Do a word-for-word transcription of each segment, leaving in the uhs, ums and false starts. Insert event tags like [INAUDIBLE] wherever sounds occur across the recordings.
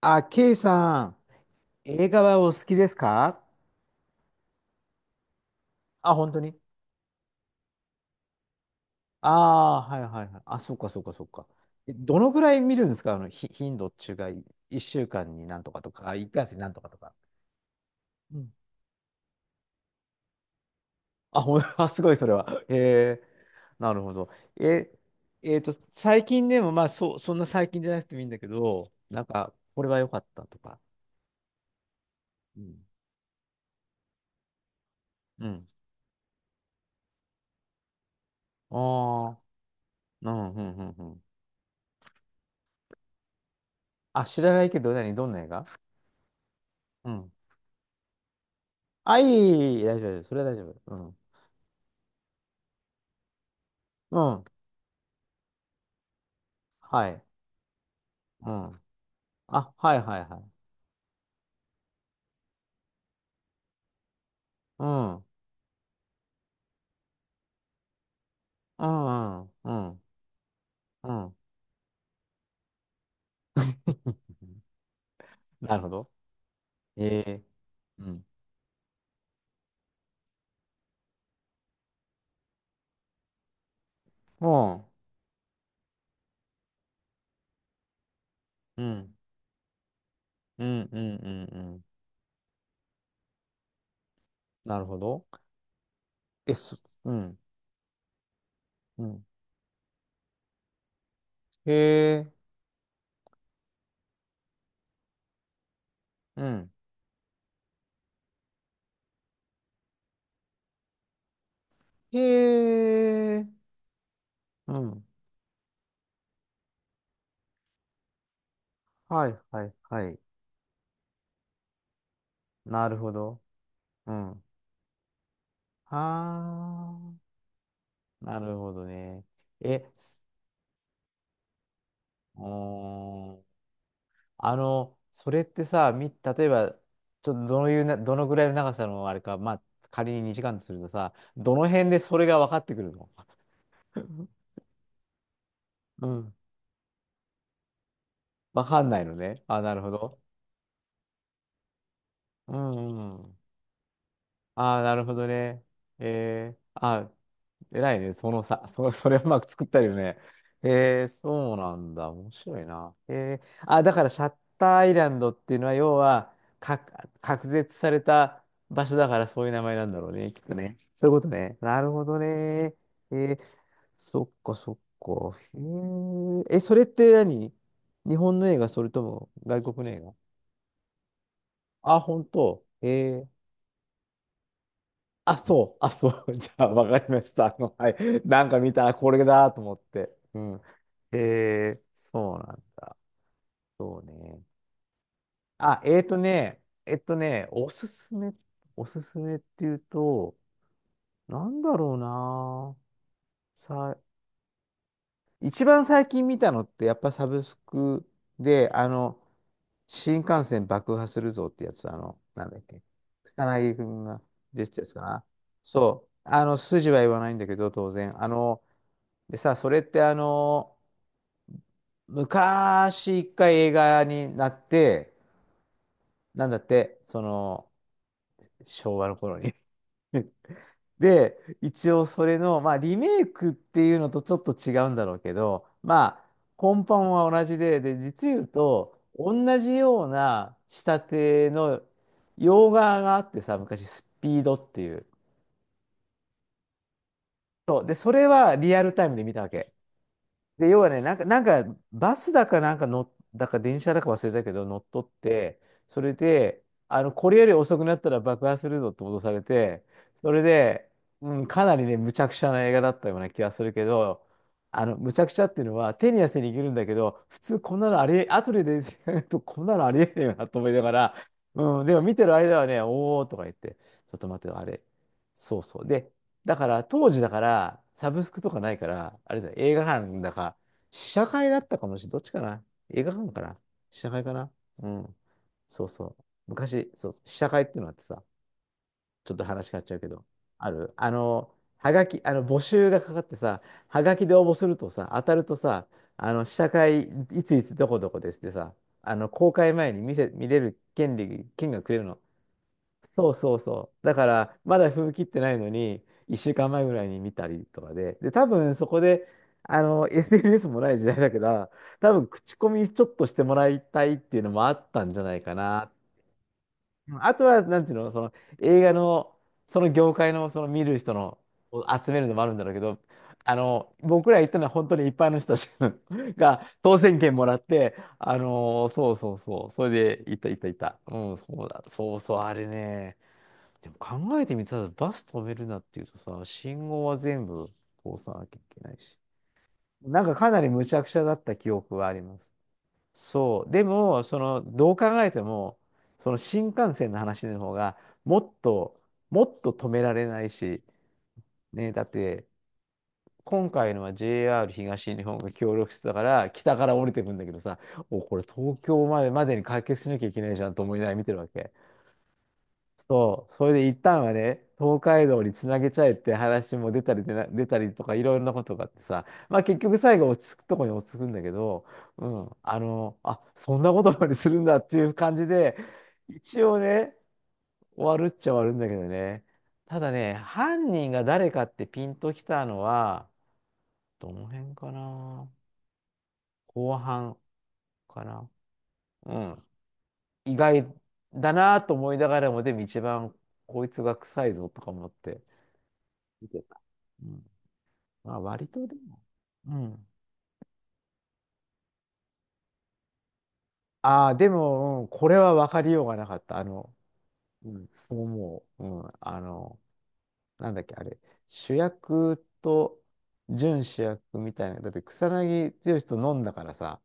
あ、ケイさん、映画はお好きですか？あ、本当に？ああー、はいはいはい。あ、そっかそっかそっか。えどのぐらい見るんですか？あの、ひ頻度っていうか、いいっしゅうかんになんとかとか、あ、ひとつきになんとかとか。うん。あ、ほん、[LAUGHS] あ、すごいそれは。へえ、なるほど。え、えっと、最近でも、まあそう、そんな最近じゃなくてもいいんだけど、なんか、これは良かったとか。うん。うん。ああ、うん、うん、うん、うん。あ、知らないけど、何どんな映画？うん。あ、いい、いい、大丈夫、大丈夫、それは大丈夫。うん。うん。はい。うん。あ、はいはいはい。うん。うん、うん、うん、うん。なるほど。ええ。うん。もうん、うん。うん、うん、うん、うん。なるほど。え、すうん、うん。へえ、うん。へえ、うん。はい、はい、はい。なるほど。うん。はあ、なるほどね。え、すうーん。あの、それってさ、み、例えば、ちょっとどういうな、どのぐらいの長さのあれか、まあ、仮ににじかんとするとさ、どの辺でそれが分かってくるの？ [LAUGHS] うん。分かんないのね。あ、なるほど。うんうん。ああ、なるほどね。えー、あ、偉いね。そのさ、[LAUGHS] そ、それうまく作ったよね。へえ、そうなんだ。面白いな。へえ、あ、だからシャッターアイランドっていうのは、要は、か、隔絶された場所だからそういう名前なんだろうね。きっとね。そういうことね。なるほどね。えー、そっかそっか。へえ、え、それって何、日本の映画、それとも外国の映画？あ、本当。えあ、そう。あ、そう。[LAUGHS] じゃあ、わかりました。あの、はい。なんか見たらこれだと思って。うん。へえ、そうなんだ。そうね。あ、えーとね、えっとね、おすすめ、おすすめっていうと、なんだろうな。さ、一番最近見たのって、やっぱサブスクで、あの、新幹線爆破するぞってやつ、あの、なんだっけ、草薙君が出てたやつかな。そう、あの、筋は言わないんだけど、当然。あの、でさ、それってあの、昔一回映画になって、なんだって、その、昭和の頃に。 [LAUGHS] で、一応それの、まあ、リメイクっていうのとちょっと違うんだろうけど、まあ、根本は同じで、で、実言うと、同じような仕立ての洋画があってさ、昔、スピードっていう。そう。で、それはリアルタイムで見たわけ。で、要はね、なんか、なんか、バスだかなんかの、だか電車だか忘れたけど、乗っ取って、それで、あの、これより遅くなったら爆破するぞって脅されて、それで、うん、かなりね、むちゃくちゃな映画だったような気がするけど、あの、むちゃくちゃっていうのは、手に汗握るんだけど、普通こんなのありえ、後で出てくると、こんなのありえないよなと思いながら、うん、でも見てる間はね、おーとか言って、ちょっと待ってよ、あれ。そうそう。で、だから、当時だから、サブスクとかないから、あれだよ、映画館だか、試写会だったかもしれない。どっちかな？映画館かな？試写会かな？うん。そうそう。昔、そう、試写会っていうのがあってさ、ちょっと話変わっちゃうけど、ある、あの、はがき、あの、募集がかかってさ、はがきで応募するとさ、当たるとさ、あの、試写会、いついつどこどこですってさ、あの、公開前に見せ、見れる権利、券がくれるの。そうそうそう。だから、まだ踏み切ってないのに、いっしゅうかんまえぐらいに見たりとかで、で、多分そこで、あの、エスエヌエス もない時代だから、多分口コミちょっとしてもらいたいっていうのもあったんじゃないかな。うん、あとは、なんていうの、その映画の、その業界の、その見る人の、を集めるのもあるんだろうけど、あの、僕ら行ったのは本当に一般の人たち、 [LAUGHS] が当選券もらって、あの、そうそうそう、それで行った行った行った。うん、そうだ、そうそう、あれね。でも考えてみたらバス止めるなっていうとさ、信号は全部通さなきゃいけないし。なんかかなり無茶苦茶だった記憶はあります。そう。でも、その、どう考えても、その新幹線の話の方が、もっと、もっと止められないし、ね、だって、今回のは ジェイアール 東日本が協力してたから、北から降りてくんだけどさ、お、これ東京までまでに解決しなきゃいけないじゃんと思いながら見てるわけ。そう、それで一旦はね、東海道につなげちゃえって話も出たりでな、出たりとかいろいろなことがあってさ、まあ結局最後落ち着くとこに落ち着くんだけど、うん、あの、あ、そんなことまでするんだっていう感じで、一応ね、終わるっちゃ終わるんだけどね。ただね、犯人が誰かってピンときたのは、どの辺かな、後半かな。うん。意外だなと思いながらも、でも一番こいつが臭いぞとか思って見てた。うん。まあ、割とでも。うん。ああ、でも、うん、これは分かりようがなかった。あの、うん。そう思う。うん。あの、なんだっけ、あれ、主役と準主役みたいな。だって草薙剛と飲んだからさ。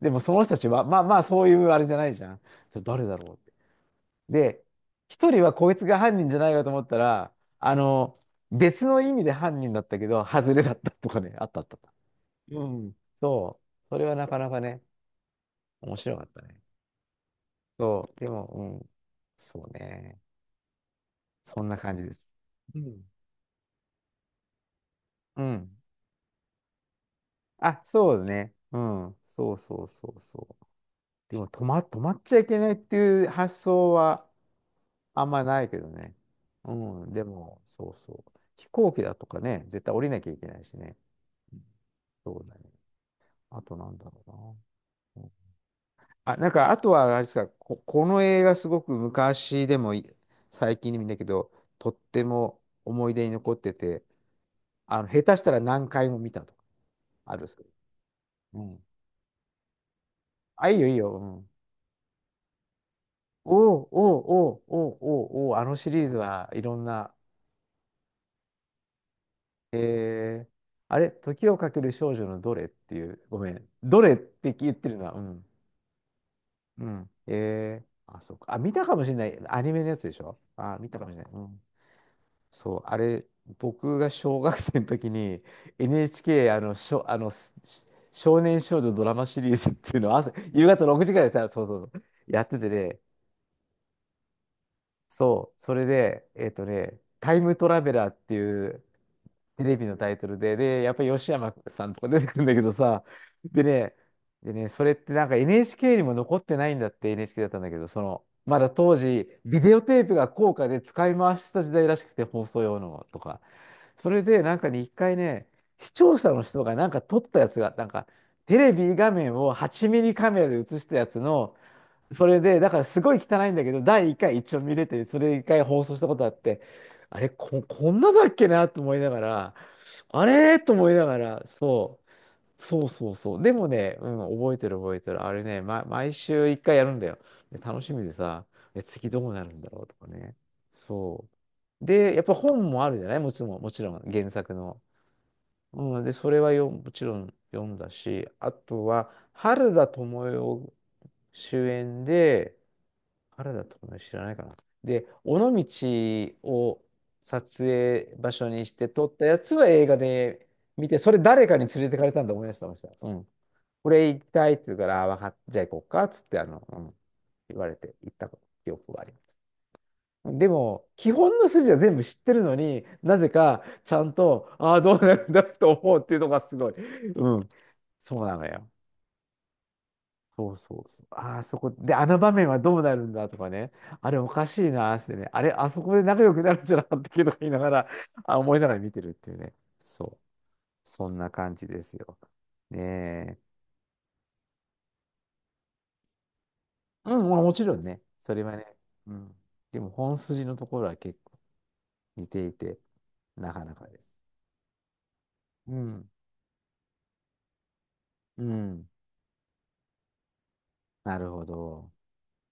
でもその人たちは、まあまあ、そういうあれじゃないじゃん。それ誰だろうって。で、一人はこいつが犯人じゃないかと思ったら、あの、別の意味で犯人だったけど、外れだったとかね、あったあったあった。うん。そう。それはなかなかね、面白かったね。そう、でも、うん。そうね。そんな感じです。うん。うん。あ、そうね。うん。そうそうそうそう。でも、止ま、止まっちゃいけないっていう発想はあんまないけどね。うん。でも、そうそう。飛行機だとかね、絶対降りなきゃいけないしね。うん、そうだね。あと、なんだろうな。あ、なんか、あとは、あれですか、こ、この映画すごく昔でもい最近でもいいんだけど、とっても思い出に残ってて、あの、下手したら何回も見たとか、あるんですけど。うん。あ、いいよいいよ。うん。おうおうおうおうおうおう、あのシリーズはいろんな、えー、あれ、時をかける少女のどれっていう、ごめん、どれって言ってるな、うん。うん。えー、あ、そうか。あ、見たかもしれない。アニメのやつでしょ？あ、見たかもしれない。うん、そう、あれ、僕が小学生の時に エヌエイチケー、あの、しょ、あの、し少年少女ドラマシリーズっていうのを朝、夕方ろくじからいさ、そうそうそう、やっててね、そう、それで、えっとね、タイムトラベラーっていう、テレビのタイトルで、で、やっぱり吉山さんとか出てくるんだけどさ、でね、でね、それってなんか エヌエイチケー にも残ってないんだって、 エヌエイチケー だったんだけど、その、まだ当時、ビデオテープが高価で使い回してた時代らしくて、放送用のとか。それで、なんかね、一回ね、視聴者の人がなんか撮ったやつが、なんか、テレビ画面をはちミリカメラで映したやつの、それで、だからすごい汚いんだけど、だいいっかい一応見れて、それいっかい放送したことあって、あれ、こ、こんなだっけなと思いながら、あれと思いながら、そう、そうそうそう。でもね、うん、覚えてる覚えてる。あれね、ま、毎週いっかいやるんだよ。で楽しみでさ、え、次どうなるんだろうとかね。そう。で、やっぱ本もあるじゃない、もちろん、もちろん、原作の。うん、で、それはよ、もちろん読んだし、あとは、原田知世主演で、原田知世知らないかな。で、尾道を撮影場所にして撮ったやつは映画で見て、それ誰かに連れてかれたんだ思い出してました。うん。これ行きたいって言うから、あわかっじゃあ行こうかっつって、あの、うん、言われて行った記憶があります。でも、基本の筋は全部知ってるのになぜかちゃんと、ああ、どうなるんだと思うっていうのがすごい。うん、そうなのよ。そうそうそう。ああ、そこで、あの場面はどうなるんだとかね。あれおかしいなーっつってね。あれ、あそこで仲良くなるんじゃなかったっけとか言いながら、[LAUGHS] あ、思いながら見てるっていうね。そう。そんな感じですよ。ねえ。うん、まあもちろんね。それはね。うん。でも本筋のところは結構似ていて、なかなかです。うん。うん。なるほど。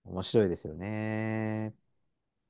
面白いですよね。